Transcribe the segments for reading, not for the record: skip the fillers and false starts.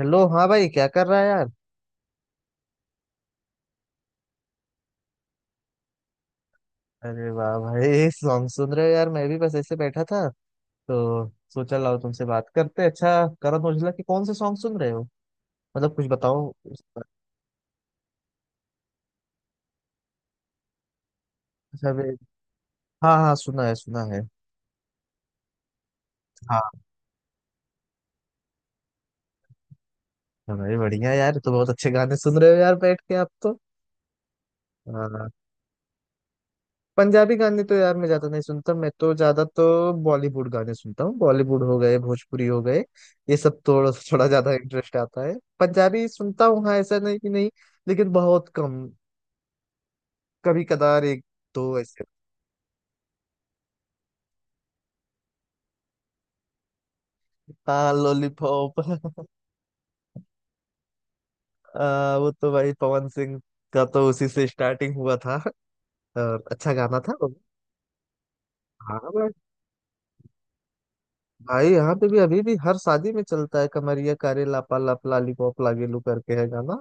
Hello हाँ भाई क्या कर रहा है यार। अरे वाह भाई सॉन्ग सुन रहे हो यार मैं भी बस ऐसे बैठा था तो सोचा लाओ तुमसे बात करते। अच्छा। करण औजला के कौन से सॉन्ग सुन रहे हो मतलब कुछ बताओ। उस पर। अच्छा भाई। हाँ हाँ सुना है सुना है। हाँ। हाँ भाई बढ़िया यार तो बहुत अच्छे गाने सुन रहे हो यार बैठ के आप तो। हाँ। पंजाबी गाने तो यार मैं ज्यादा नहीं सुनता मैं तो ज्यादा तो बॉलीवुड गाने सुनता हूँ। बॉलीवुड हो गए भोजपुरी हो गए ये सब तो थोड़ा थोड़ा ज्यादा इंटरेस्ट आता है। पंजाबी सुनता हूँ हाँ ऐसा नहीं कि नहीं। लेकिन बहुत कम। कभी कदार एक दो ऐसे। हाँ लॉलीपॉप। वो तो भाई पवन सिंह का तो उसी से स्टार्टिंग हुआ था और अच्छा गाना था वो। हाँ भाई। भाई यहाँ पे भी अभी भी हर शादी में चलता है कमरिया कारे लापा लाप लालीपॉप लागेलू करके है गाना।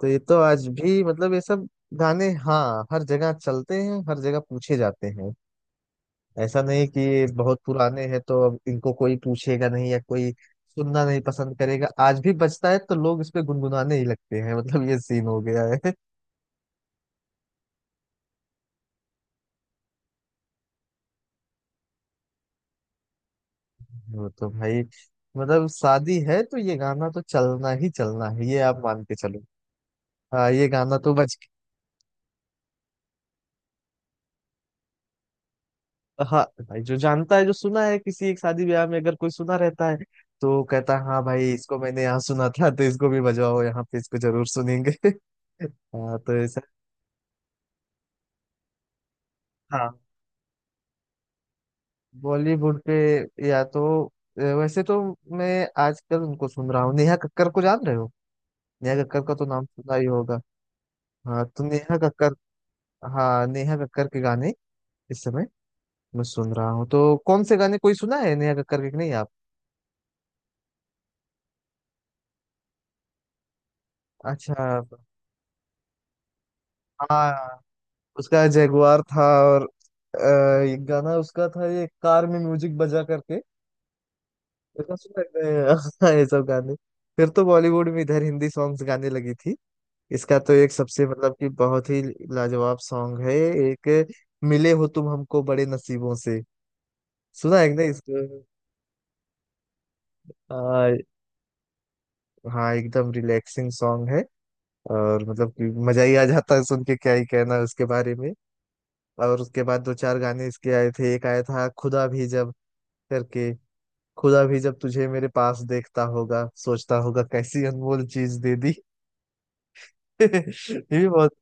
तो ये तो आज भी मतलब ये सब गाने हाँ हर जगह चलते हैं हर जगह पूछे जाते हैं। ऐसा नहीं कि ये बहुत पुराने हैं तो अब इनको कोई पूछेगा नहीं या कोई सुनना नहीं पसंद करेगा। आज भी बजता है तो लोग इस पे गुनगुनाने ही लगते हैं मतलब ये सीन हो गया है। वो तो भाई मतलब शादी है तो ये गाना तो चलना ही चलना है ये आप मान के चलो। हाँ ये गाना तो बज। हाँ भाई जो जानता है जो सुना है किसी एक शादी ब्याह में अगर कोई सुना रहता है तो कहता है हाँ भाई इसको मैंने यहाँ सुना था तो इसको भी बजवाओ यहाँ पे इसको जरूर सुनेंगे। हाँ तो ऐसा। हाँ। बॉलीवुड पे या तो वैसे तो मैं आजकल उनको सुन रहा हूँ नेहा कक्कर को जान रहे हो। नेहा कक्कर का तो नाम सुना ही होगा। हाँ तो नेहा कक्कर। हाँ नेहा कक्कर के गाने इस समय मैं सुन रहा हूँ तो कौन से गाने कोई सुना है नेहा कक्कर के कि नहीं आप। अच्छा। हाँ उसका जगुआर था। और एक गाना उसका था ये कार में म्यूजिक बजा करके ऐसा सुना है। ये सब गाने फिर तो बॉलीवुड में इधर हिंदी सॉन्ग्स गाने लगी थी। इसका तो एक सबसे मतलब कि बहुत ही लाजवाब सॉन्ग है एक। मिले हो तुम हमको बड़े नसीबों से। सुना है ना इसको। आ, हाँ एकदम रिलैक्सिंग सॉन्ग है और मतलब कि मजा ही आ जाता है सुन के। क्या ही कहना है उसके बारे में। और उसके बाद दो चार गाने इसके आए थे। एक आया था खुदा भी जब करके। खुदा भी जब तुझे मेरे पास देखता होगा सोचता होगा कैसी अनमोल चीज दे दी। ये भी बहुत।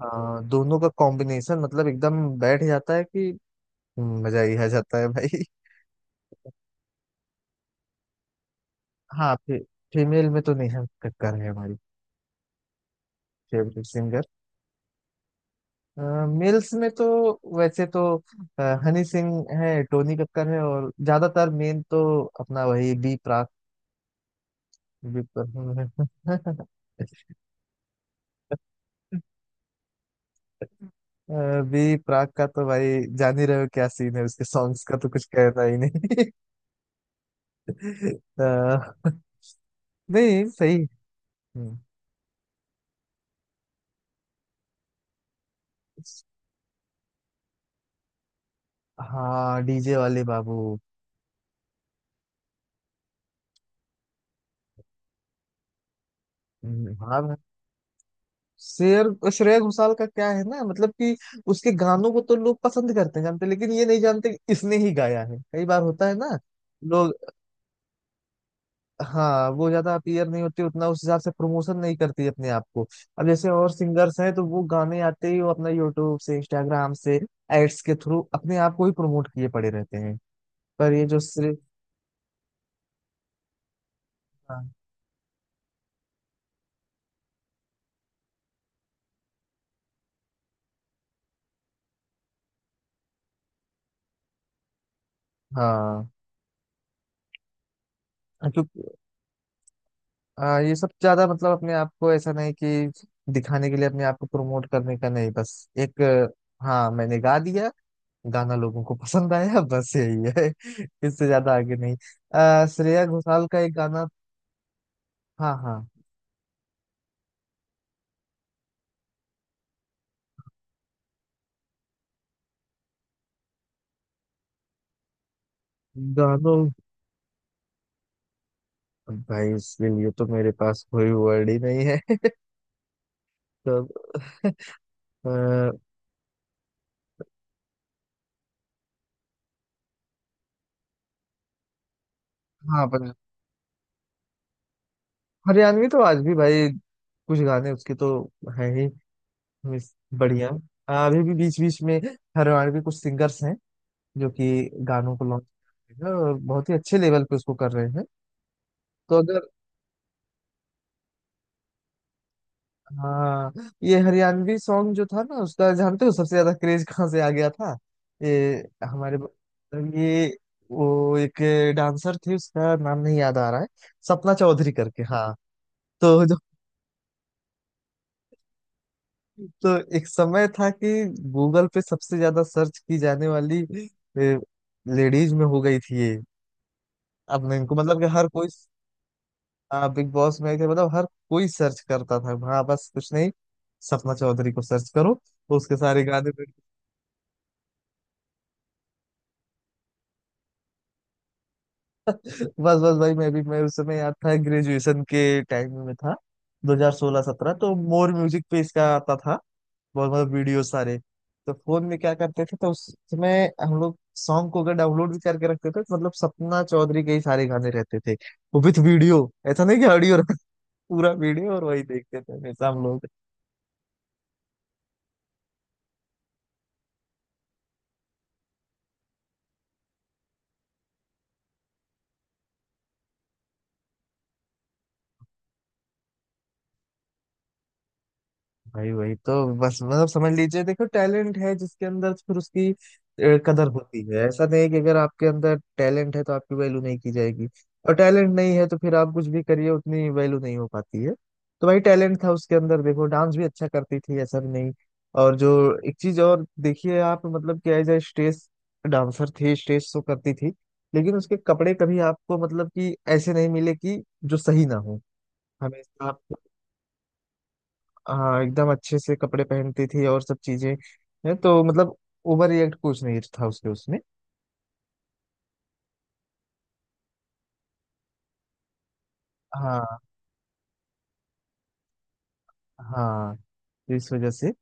हाँ दोनों का कॉम्बिनेशन मतलब एकदम बैठ जाता है कि मजा ही आ जाता है भाई। हाँ फीमेल में तो नेहा कक्कड़ है हमारी फेवरेट सिंगर। मेल्स में तो वैसे तो हनी सिंह है टोनी कक्कड़ है और ज्यादातर मेन तो अपना वही बी प्राक। बी प्राक। अभी प्राग का तो भाई जान ही रहे हो क्या सीन है उसके सॉन्ग्स का तो कुछ कहना ही नहीं। अ, नहीं सही। हम्म। हाँ डीजे वाले बाबू। हम्म। हाँ भाई। शेर श्रेया घोषाल का क्या है ना मतलब कि उसके गानों को तो लोग पसंद करते हैं जानते हैं, लेकिन ये नहीं जानते कि इसने ही गाया है। कई बार होता है ना। लोग हाँ वो ज्यादा अपीयर नहीं होती उतना उस हिसाब से प्रमोशन नहीं करती अपने आप को। अब जैसे और सिंगर्स हैं तो वो गाने आते ही वो अपना यूट्यूब से इंस्टाग्राम से एड्स के थ्रू अपने आप को ही प्रमोट किए पड़े रहते हैं। पर ये जो सिर्फ। हाँ हाँ, हाँ, क्योंकि हाँ, ये सब ज्यादा मतलब अपने आप को ऐसा नहीं कि दिखाने के लिए अपने आप को प्रमोट करने का नहीं बस एक हाँ मैंने गा दिया गाना लोगों को पसंद आया बस यही है। इससे ज्यादा आगे नहीं। श्रेया घोषाल का एक गाना। हाँ हाँ। गानों अब भाई उसके लिए तो मेरे पास कोई वर्ड ही नहीं है। तो अब, अ, हाँ पर हरियाणवी तो आज भी भाई कुछ गाने उसके तो है ही। बढ़िया। अभी भी बीच बीच में हरियाणवी कुछ सिंगर्स हैं जो कि गानों को लॉन्च कर रहे हैं और बहुत ही अच्छे लेवल पे उसको कर रहे हैं। तो अगर हाँ ये हरियाणवी सॉन्ग जो था ना उसका जानते हो सबसे ज्यादा क्रेज कहाँ से आ गया था। ये हमारे ये वो एक डांसर थे उसका नाम नहीं याद आ रहा है सपना चौधरी करके हाँ। तो जो तो एक समय था कि गूगल पे सबसे ज्यादा सर्च की जाने वाली लेडीज में हो गई थी ये अपने इनको मतलब कि हर कोई। बिग बॉस में के मतलब हर कोई सर्च करता था हाँ बस कुछ नहीं। सपना चौधरी को सर्च करो तो उसके सारे गाने। बस बस भाई मैं उस समय याद था ग्रेजुएशन के टाइम में मैं था 2016-17 तो मोर म्यूजिक पे इसका आता था बहुत मतलब वीडियो सारे। तो फोन में क्या करते थे तो उस समय हम लोग सॉन्ग को अगर डाउनलोड भी करके रखते थे तो मतलब सपना चौधरी के ही सारे गाने रहते थे। वो विथ वीडियो ऐसा नहीं कि ऑडियो पूरा वीडियो और वही देखते थे हमेशा हम लोग। भाई वही तो बस मतलब समझ लीजिए देखो टैलेंट है जिसके अंदर फिर उसकी कदर होती है। ऐसा नहीं कि अगर आपके अंदर टैलेंट है तो आपकी वैल्यू नहीं की जाएगी। और टैलेंट नहीं है तो फिर आप कुछ भी करिए उतनी वैल्यू नहीं हो पाती है। तो भाई टैलेंट था उसके अंदर देखो डांस भी अच्छा करती थी ऐसा भी नहीं। और जो एक चीज और देखिए आप मतलब कि एज ए स्टेज डांसर थी स्टेज शो करती थी लेकिन उसके कपड़े कभी आपको मतलब कि ऐसे नहीं मिले कि जो सही ना हो। हमेशा हाँ एकदम अच्छे से कपड़े पहनती थी और सब चीजें हैं तो मतलब ओवर रिएक्ट कुछ नहीं था उसके उसमें। हाँ हाँ तो इस वजह से।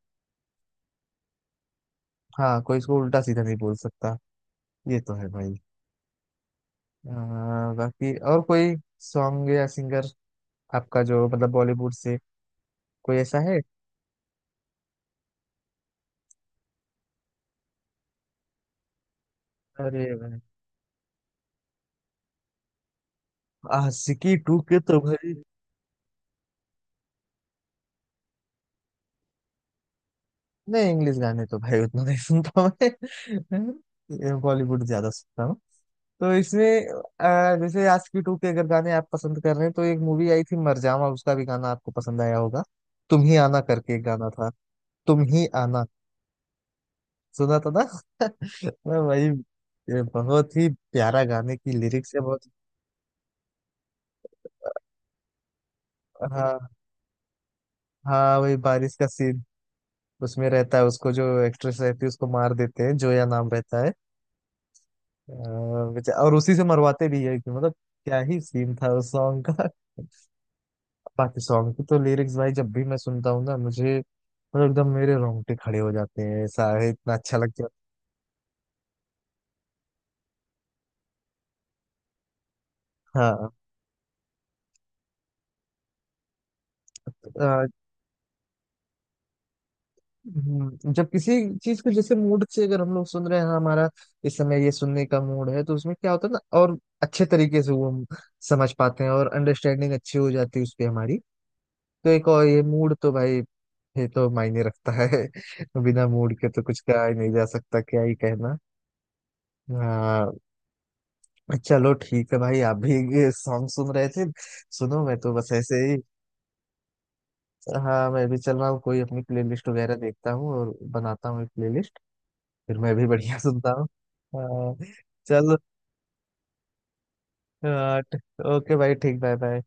हाँ कोई इसको उल्टा सीधा नहीं बोल सकता। ये तो है भाई। बाकी और कोई सॉन्ग या सिंगर आपका जो मतलब बॉलीवुड से कोई ऐसा है। अरे भाई आशिकी टू के तो भाई। नहीं इंग्लिश गाने तो भाई उतना नहीं सुनता मैं। बॉलीवुड ज्यादा सुनता हूँ। तो इसमें जैसे आशिकी टू के अगर गाने आप पसंद कर रहे हैं तो एक मूवी आई थी मरजावा उसका भी गाना आपको पसंद आया होगा। तुम ही आना करके एक गाना था। तुम ही आना। सुना था ना। मैं वही ये बहुत ही प्यारा गाने की लिरिक्स है बहुत। हाँ। हाँ वही बारिश का सीन उसमें रहता है उसको जो एक्ट्रेस रहती है उसको मार देते हैं जोया नाम रहता है। अ, और उसी से मरवाते भी है कि मतलब क्या ही सीन था उस सॉन्ग का। बाकी सॉन्ग की तो लिरिक्स भाई जब भी मैं सुनता हूँ ना मुझे मतलब एकदम मेरे रोंगटे खड़े हो जाते हैं ऐसा है इतना अच्छा लग जाता है। हाँ अ, जब किसी चीज को जैसे मूड से अगर हम लोग सुन रहे हैं हाँ, हमारा इस समय ये सुनने का मूड है तो उसमें क्या होता है ना। और अच्छे तरीके से वो हम समझ पाते हैं और अंडरस्टैंडिंग अच्छी हो जाती है उस पर हमारी। तो एक और ये मूड तो भाई ये तो मायने रखता है। बिना मूड के तो कुछ कहा ही नहीं जा सकता क्या ही कहना। हाँ। चलो ठीक है भाई आप भी सॉन्ग सुन रहे थे सुनो मैं तो बस ऐसे ही। हाँ मैं भी चल रहा हूँ कोई अपनी प्लेलिस्ट वगैरह देखता हूँ और बनाता हूँ एक प्लेलिस्ट। फिर मैं भी बढ़िया सुनता हूँ। हाँ, चलो हाँ, ओके भाई ठीक बाय बाय।